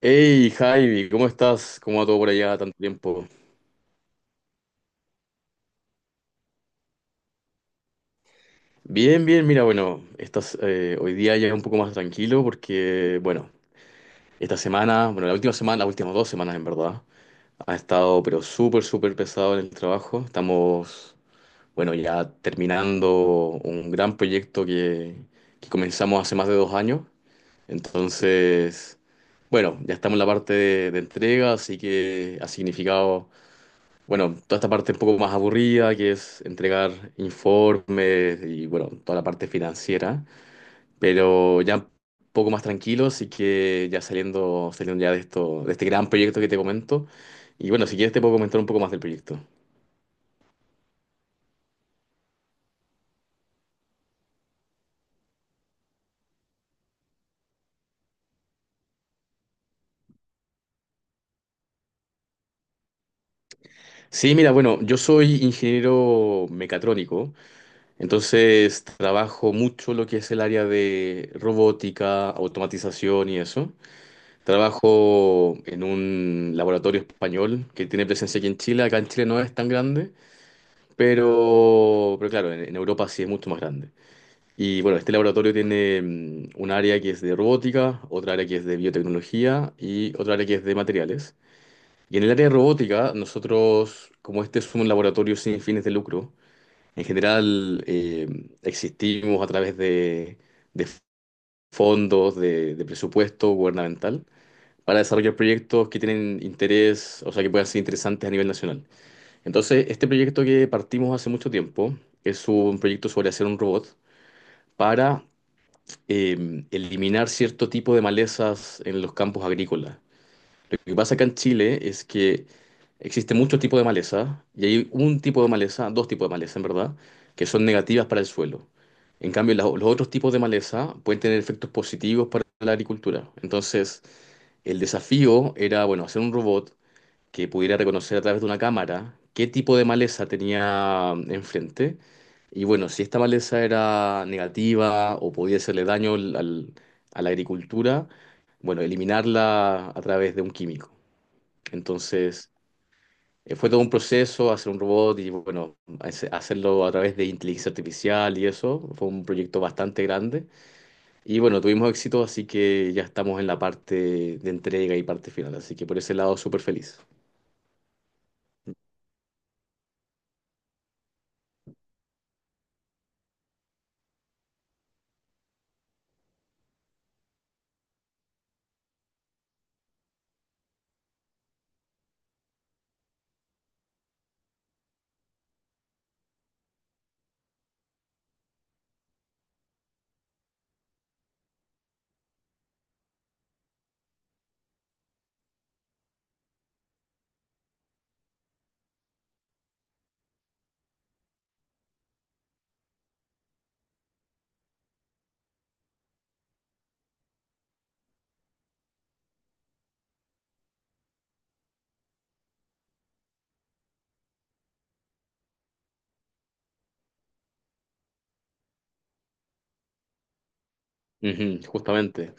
Hey Javi, ¿cómo estás? ¿Cómo va todo por allá tanto tiempo? Bien, bien, mira, bueno, estás, hoy día ya un poco más tranquilo porque, bueno, esta semana, bueno, la última semana, las últimas dos semanas en verdad, ha estado pero súper, súper pesado en el trabajo. Estamos, bueno, ya terminando un gran proyecto que comenzamos hace más de dos años. Entonces, bueno, ya estamos en la parte de entrega, así que ha significado bueno, toda esta parte un poco más aburrida, que es entregar informes y bueno, toda la parte financiera, pero ya un poco más tranquilos y que ya saliendo ya de esto, de este gran proyecto que te comento. Y bueno, si quieres te puedo comentar un poco más del proyecto. Sí, mira, bueno, yo soy ingeniero mecatrónico, entonces trabajo mucho lo que es el área de robótica, automatización y eso. Trabajo en un laboratorio español que tiene presencia aquí en Chile. Acá en Chile no es tan grande, pero claro, en Europa sí es mucho más grande. Y bueno, este laboratorio tiene un área que es de robótica, otra área que es de biotecnología y otra área que es de materiales. Y en el área de robótica, nosotros, como este es un laboratorio sin fines de lucro, en general existimos a través de fondos, de presupuesto gubernamental para desarrollar proyectos que tienen interés, o sea, que puedan ser interesantes a nivel nacional. Entonces, este proyecto que partimos hace mucho tiempo es un proyecto sobre hacer un robot para eliminar cierto tipo de malezas en los campos agrícolas. Lo que pasa acá en Chile es que existe muchos tipos de maleza y hay un tipo de maleza, dos tipos de maleza en verdad, que son negativas para el suelo. En cambio, los otros tipos de maleza pueden tener efectos positivos para la agricultura. Entonces, el desafío era, bueno, hacer un robot que pudiera reconocer a través de una cámara qué tipo de maleza tenía enfrente. Y bueno, si esta maleza era negativa o podía hacerle daño a la agricultura, bueno, eliminarla a través de un químico. Entonces, fue todo un proceso hacer un robot y bueno, hacerlo a través de inteligencia artificial y eso. Fue un proyecto bastante grande. Y bueno, tuvimos éxito, así que ya estamos en la parte de entrega y parte final. Así que por ese lado, súper feliz. Ujú, justamente.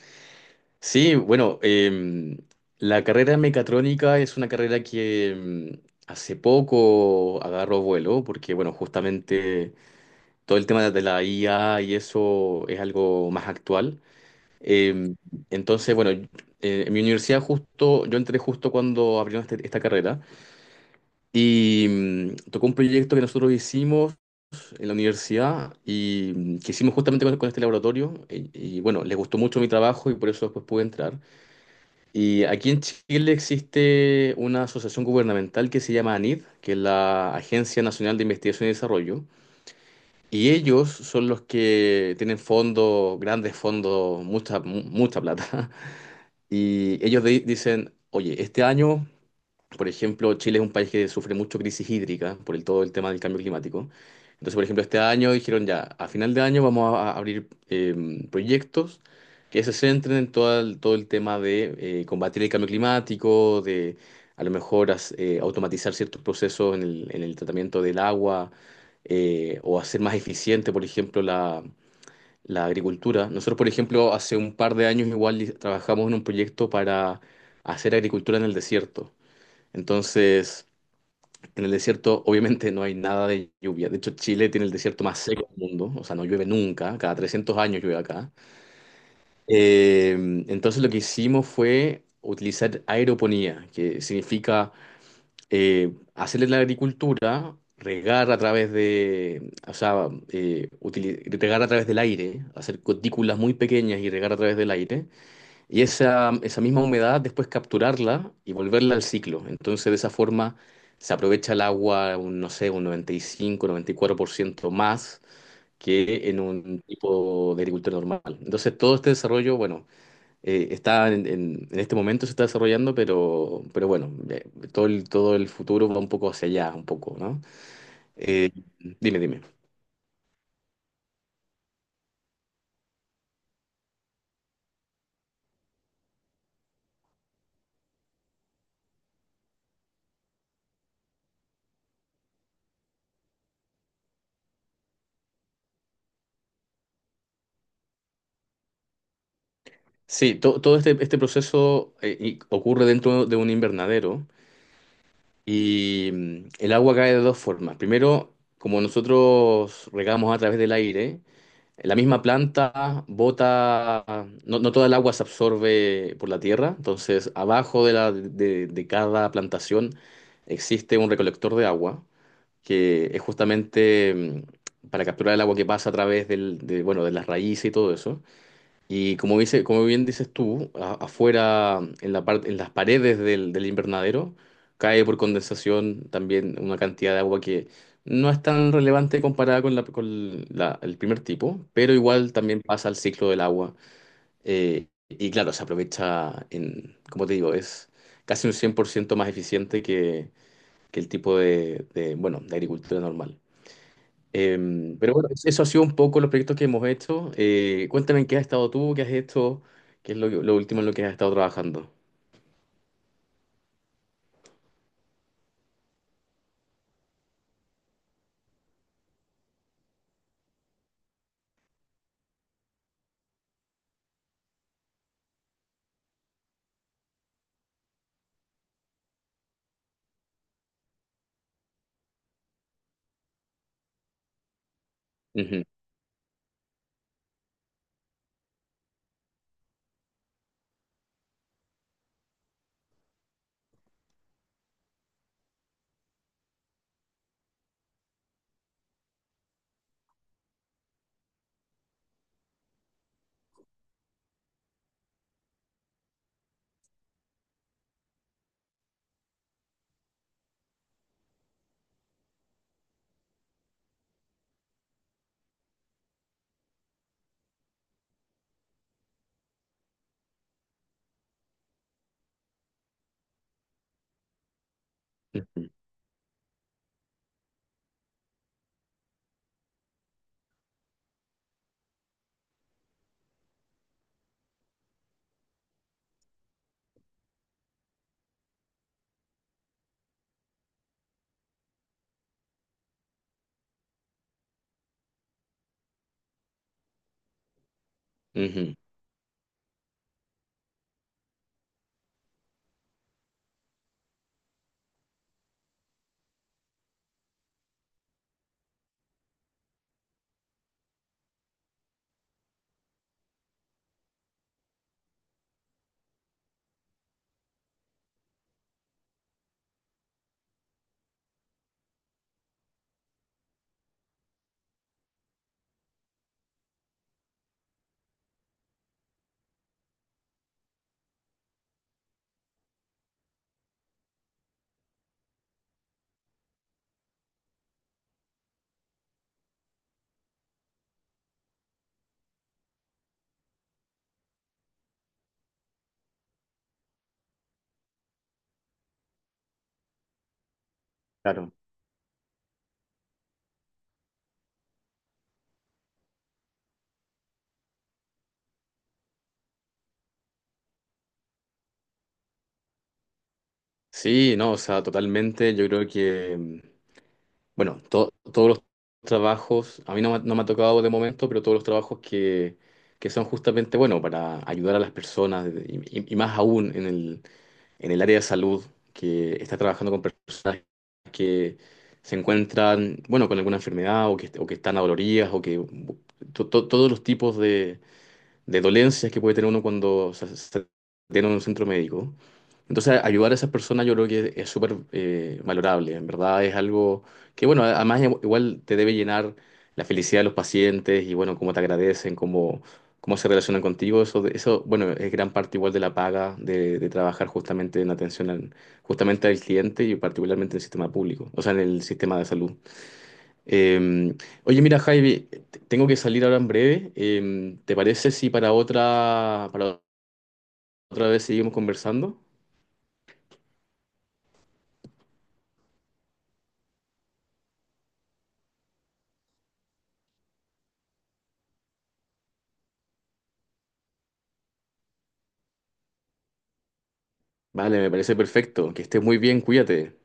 Sí, bueno, la carrera de mecatrónica es una carrera que hace poco agarró vuelo, porque bueno, justamente todo el tema de la IA y eso es algo más actual. Em, entonces, bueno, en mi universidad justo, yo entré justo cuando abrieron esta carrera y tocó un proyecto que nosotros hicimos en la universidad y que hicimos justamente con este laboratorio y bueno, les gustó mucho mi trabajo y por eso después pude entrar. Y aquí en Chile existe una asociación gubernamental que se llama ANID, que es la Agencia Nacional de Investigación y Desarrollo, y ellos son los que tienen fondos, grandes fondos, mucha, mucha plata, y ellos dicen, oye, este año por ejemplo, Chile es un país que sufre mucho crisis hídrica por el, todo el tema del cambio climático. Entonces, por ejemplo, este año dijeron ya, a final de año vamos a abrir proyectos que se centren en todo el tema de combatir el cambio climático, de a lo mejor automatizar ciertos procesos en el tratamiento del agua o hacer más eficiente, por ejemplo, la agricultura. Nosotros, por ejemplo, hace un par de años igual trabajamos en un proyecto para hacer agricultura en el desierto. Entonces, en el desierto obviamente no hay nada de lluvia. De hecho, Chile tiene el desierto más seco del mundo, o sea, no llueve nunca, cada 300 años llueve acá. Eh, entonces lo que hicimos fue utilizar aeroponía, que significa hacerle la agricultura, regar a través de, o sea, regar a través del aire, hacer cutículas muy pequeñas y regar a través del aire. Y esa misma humedad después capturarla y volverla al ciclo. Entonces de esa forma se aprovecha el agua, un, no sé, un noventa y cuatro por ciento más que en un tipo de agricultura normal. Entonces todo este desarrollo, bueno, está en este momento se está desarrollando, pero bueno, todo el futuro va un poco hacia allá, un poco, ¿no? Eh, dime. Sí, todo este, este proceso ocurre dentro de un invernadero. Y el agua cae de dos formas. Primero, como nosotros regamos a través del aire, la misma planta bota, no, no toda el agua se absorbe por la tierra, entonces abajo de cada plantación existe un recolector de agua, que es justamente para capturar el agua que pasa a través bueno, de las raíces y todo eso. Y como dice, como bien dices tú, afuera, en la parte, en las paredes del invernadero, cae por condensación también una cantidad de agua que no es tan relevante comparada con la, el primer tipo, pero igual también pasa al ciclo del agua. Y claro, se aprovecha en, como te digo, es casi un 100% más eficiente que el tipo de, bueno, de agricultura normal. Pero bueno, eso ha sido un poco los proyectos que hemos hecho. Cuéntame en qué has estado tú, qué has hecho, qué es lo último en lo que has estado trabajando. Ujú, ujú, ujú. Claro. Sí, no, o sea, totalmente. Yo creo que, bueno, todos los trabajos, a mí no, me ha no me ha tocado de momento, pero todos los trabajos que son justamente, bueno, para ayudar a las personas y y más aún en el área de salud, que está trabajando con personas que se encuentran, bueno, con alguna enfermedad o que están adoloridas o que todos los tipos de dolencias que puede tener uno cuando se tiene un centro médico. Entonces, ayudar a esas personas yo creo que es súper valorable, en verdad es algo que, bueno, además igual te debe llenar la felicidad de los pacientes y, bueno, cómo te agradecen, cómo, cómo se relacionan contigo, eso, bueno, es gran parte igual de la paga de trabajar justamente en atención al, justamente al cliente y particularmente en el sistema público, o sea, en el sistema de salud. Eh, oye, mira, Javi, tengo que salir ahora en breve. ¿Te parece si para otra, para otra vez seguimos conversando? Vale, me parece perfecto. Que estés muy bien, cuídate.